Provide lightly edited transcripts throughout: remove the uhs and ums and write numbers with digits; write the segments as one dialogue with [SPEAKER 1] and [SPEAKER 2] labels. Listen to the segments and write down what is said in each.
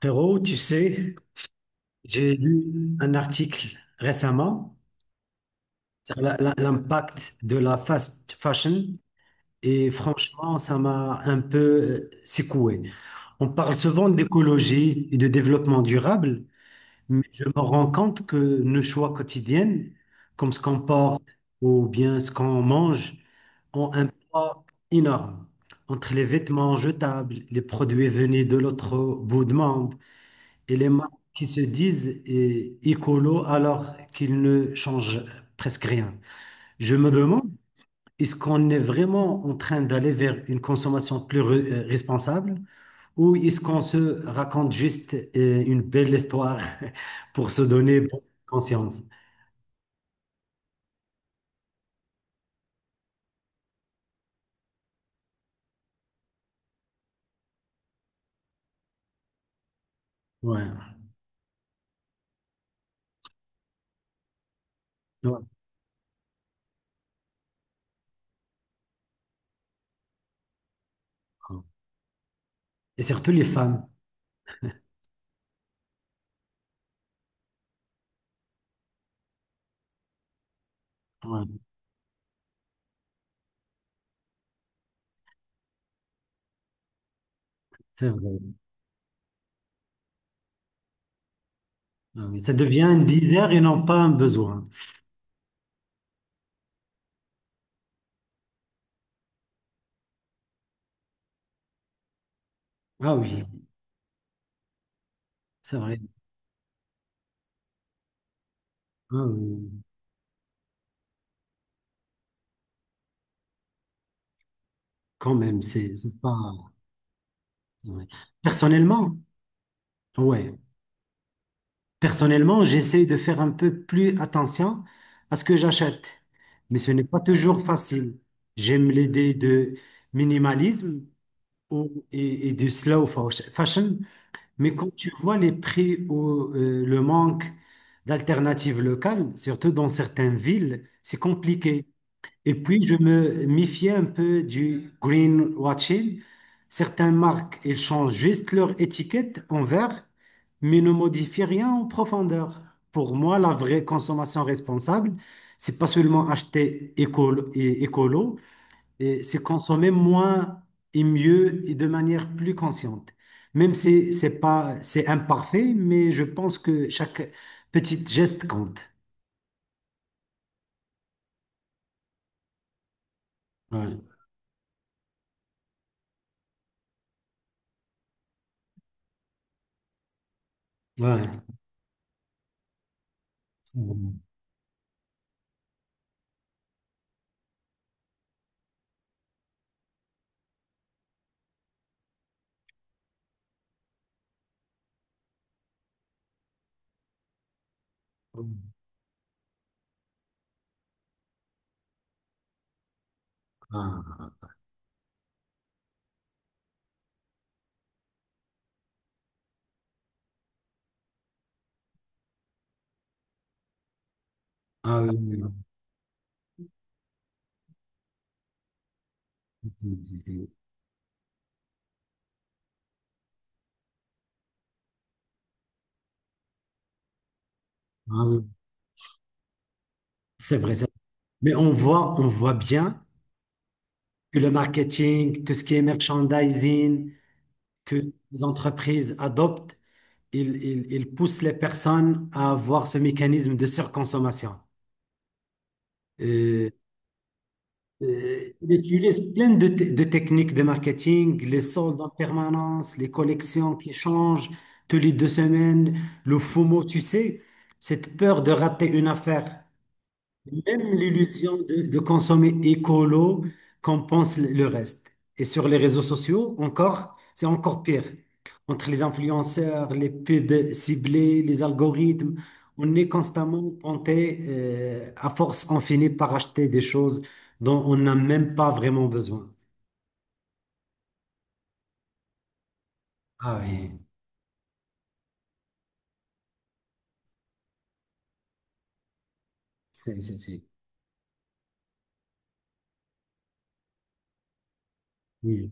[SPEAKER 1] Frérot, tu sais, j'ai lu un article récemment sur l'impact de la fast fashion et franchement, ça m'a un peu secoué. On parle souvent d'écologie et de développement durable, mais je me rends compte que nos choix quotidiens, comme ce qu'on porte ou bien ce qu'on mange, ont un poids énorme. Entre les vêtements jetables, les produits venus de l'autre bout du monde, et les marques qui se disent écolo alors qu'ils ne changent presque rien. Je me demande, est-ce qu'on est vraiment en train d'aller vers une consommation plus responsable ou est-ce qu'on se raconte juste une belle histoire pour se donner bonne conscience? Ouais. Ouais. Et surtout les femmes. Ouais, c'est vrai. Ah oui, ça devient un désir et non pas un besoin. Ah oui, c'est vrai. Ah oui, quand même, c'est pas. C'est vrai. Personnellement, ouais. Personnellement, j'essaye de faire un peu plus attention à ce que j'achète, mais ce n'est pas toujours facile. J'aime l'idée de minimalisme et, du slow fashion, mais quand tu vois les prix ou le manque d'alternatives locales, surtout dans certaines villes, c'est compliqué. Et puis, je me méfiais un peu du greenwashing. Certaines marques, elles changent juste leur étiquette en vert, mais ne modifient rien en profondeur. Pour moi, la vraie consommation responsable, c'est pas seulement acheter écolo, et écolo, et c'est consommer moins et mieux et de manière plus consciente. Même si c'est pas, c'est imparfait, mais je pense que chaque petit geste compte. Ouais. Ouais. C'est bon. Ah. Ah oui, oui, oui, ah oui, c'est vrai, c'est- mais on voit bien que le marketing, tout ce qui est merchandising, que les entreprises adoptent, ils poussent les personnes à avoir ce mécanisme de surconsommation. Euh, ils utilisent plein de techniques de marketing, les soldes en permanence, les collections qui changent tous les deux semaines, le FOMO, tu sais, cette peur de rater une affaire. Même l'illusion de consommer écolo compense le reste. Et sur les réseaux sociaux, encore, c'est encore pire. Entre les influenceurs, les pubs ciblées, les algorithmes, on est constamment tenté, à force, on finit par acheter des choses dont on n'a même pas vraiment besoin. Ah oui, c'est. Oui.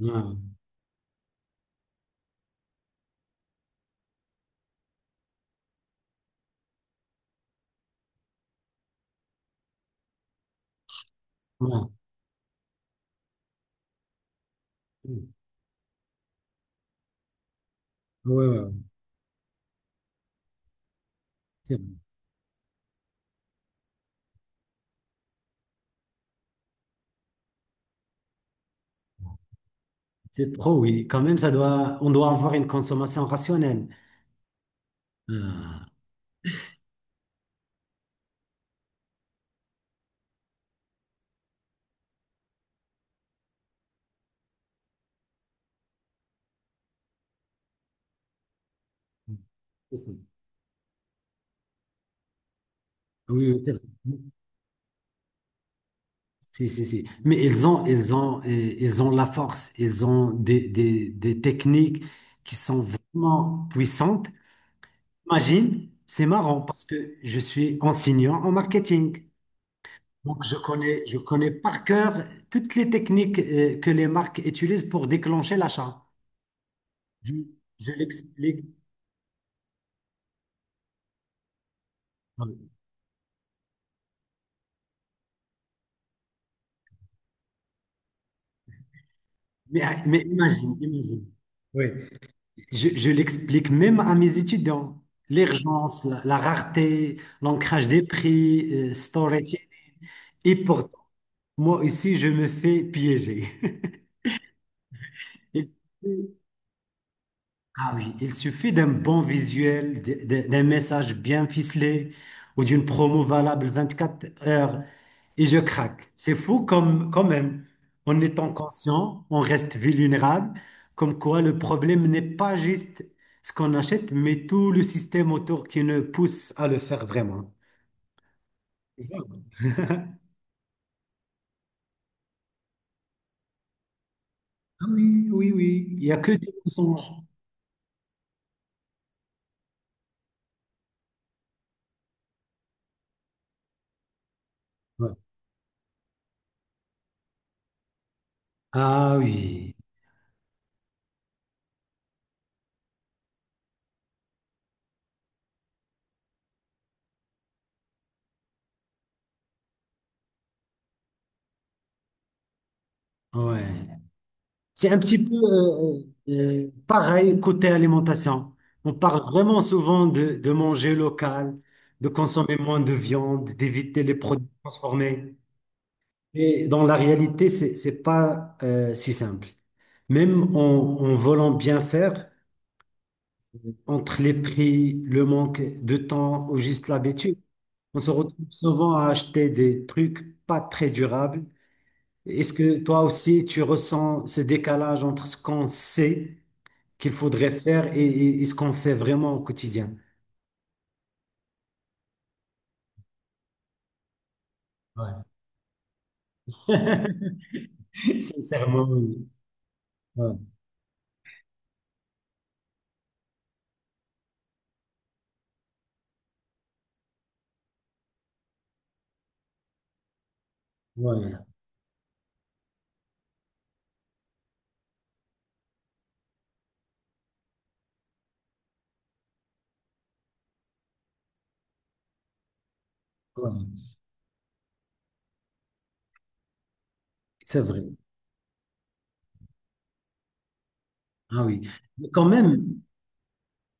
[SPEAKER 1] Ouais, ouais. Ouais, ouais, ouais. C'est c'est trop, oui. Quand même, on doit avoir une consommation rationnelle. Ah. C'est ça. Oui, oui, c'est vrai. Si, si, si. Mais ils ont la force, ils ont des techniques qui sont vraiment puissantes. Imagine, c'est marrant parce que je suis enseignant en marketing. Donc, je connais par cœur toutes les techniques, que les marques utilisent pour déclencher l'achat. Je, je l'explique. Imagine. Oui. Je l'explique même à mes étudiants. L'urgence, la rareté, l'ancrage des prix, storage. Et pourtant, moi ici, je me fais piéger. Il- Ah oui, il suffit d'un bon visuel, d'un message bien ficelé ou d'une promo valable 24 heures et je craque. C'est fou comme, quand même. En étant conscient, on reste vulnérable, comme quoi le problème n'est pas juste ce qu'on achète, mais tout le système autour qui nous pousse à le faire vraiment. Tu vois. Ah oui, oui, oui. Il n'y a que des mensonges. Ouais. Ah oui, ouais. C'est un petit peu euh, pareil côté alimentation. On parle vraiment souvent de manger local, de consommer moins de viande, d'éviter les produits transformés. Mais dans la réalité, c'est pas si simple. Même en voulant bien faire, entre les prix, le manque de temps ou juste l'habitude, on se retrouve souvent à acheter des trucs pas très durables. Est-ce que toi aussi, tu ressens ce décalage entre ce qu'on sait qu'il faudrait faire et ce qu'on fait vraiment au quotidien? Ouais. Sincèrement, oui. Ouais, ouais, ouais. C'est vrai. Ah oui. Mais quand même.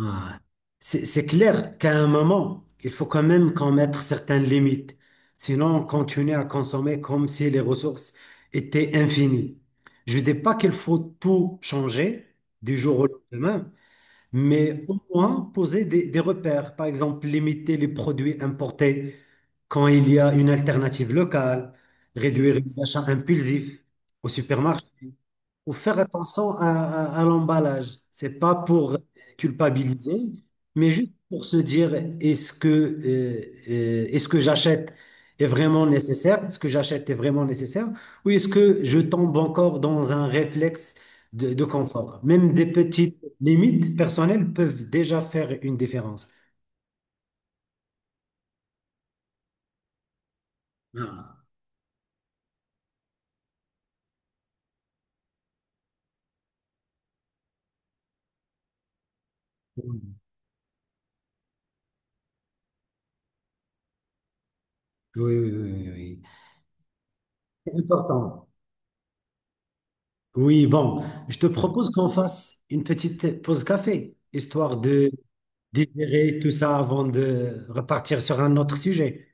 [SPEAKER 1] Ah, c'est clair qu'à un moment, il faut quand même qu'on mette certaines limites. Sinon, on continue à consommer comme si les ressources étaient infinies. Je ne dis pas qu'il faut tout changer du jour au lendemain, mais au moins poser des repères. Par exemple, limiter les produits importés quand il y a une alternative locale, réduire les achats impulsifs au supermarché faut faire attention à l'emballage. C'est pas pour culpabiliser, mais juste pour se dire, est-ce que j'achète est vraiment nécessaire? Est-ce que j'achète est vraiment nécessaire? Ou est-ce que je tombe encore dans un réflexe de confort? Même des petites limites personnelles peuvent déjà faire une différence. Ah, oui, oui, oui, oui. Oui. Oui. C'est important. Oui, bon, je te propose qu'on fasse une petite pause café, histoire de digérer tout ça avant de repartir sur un autre sujet.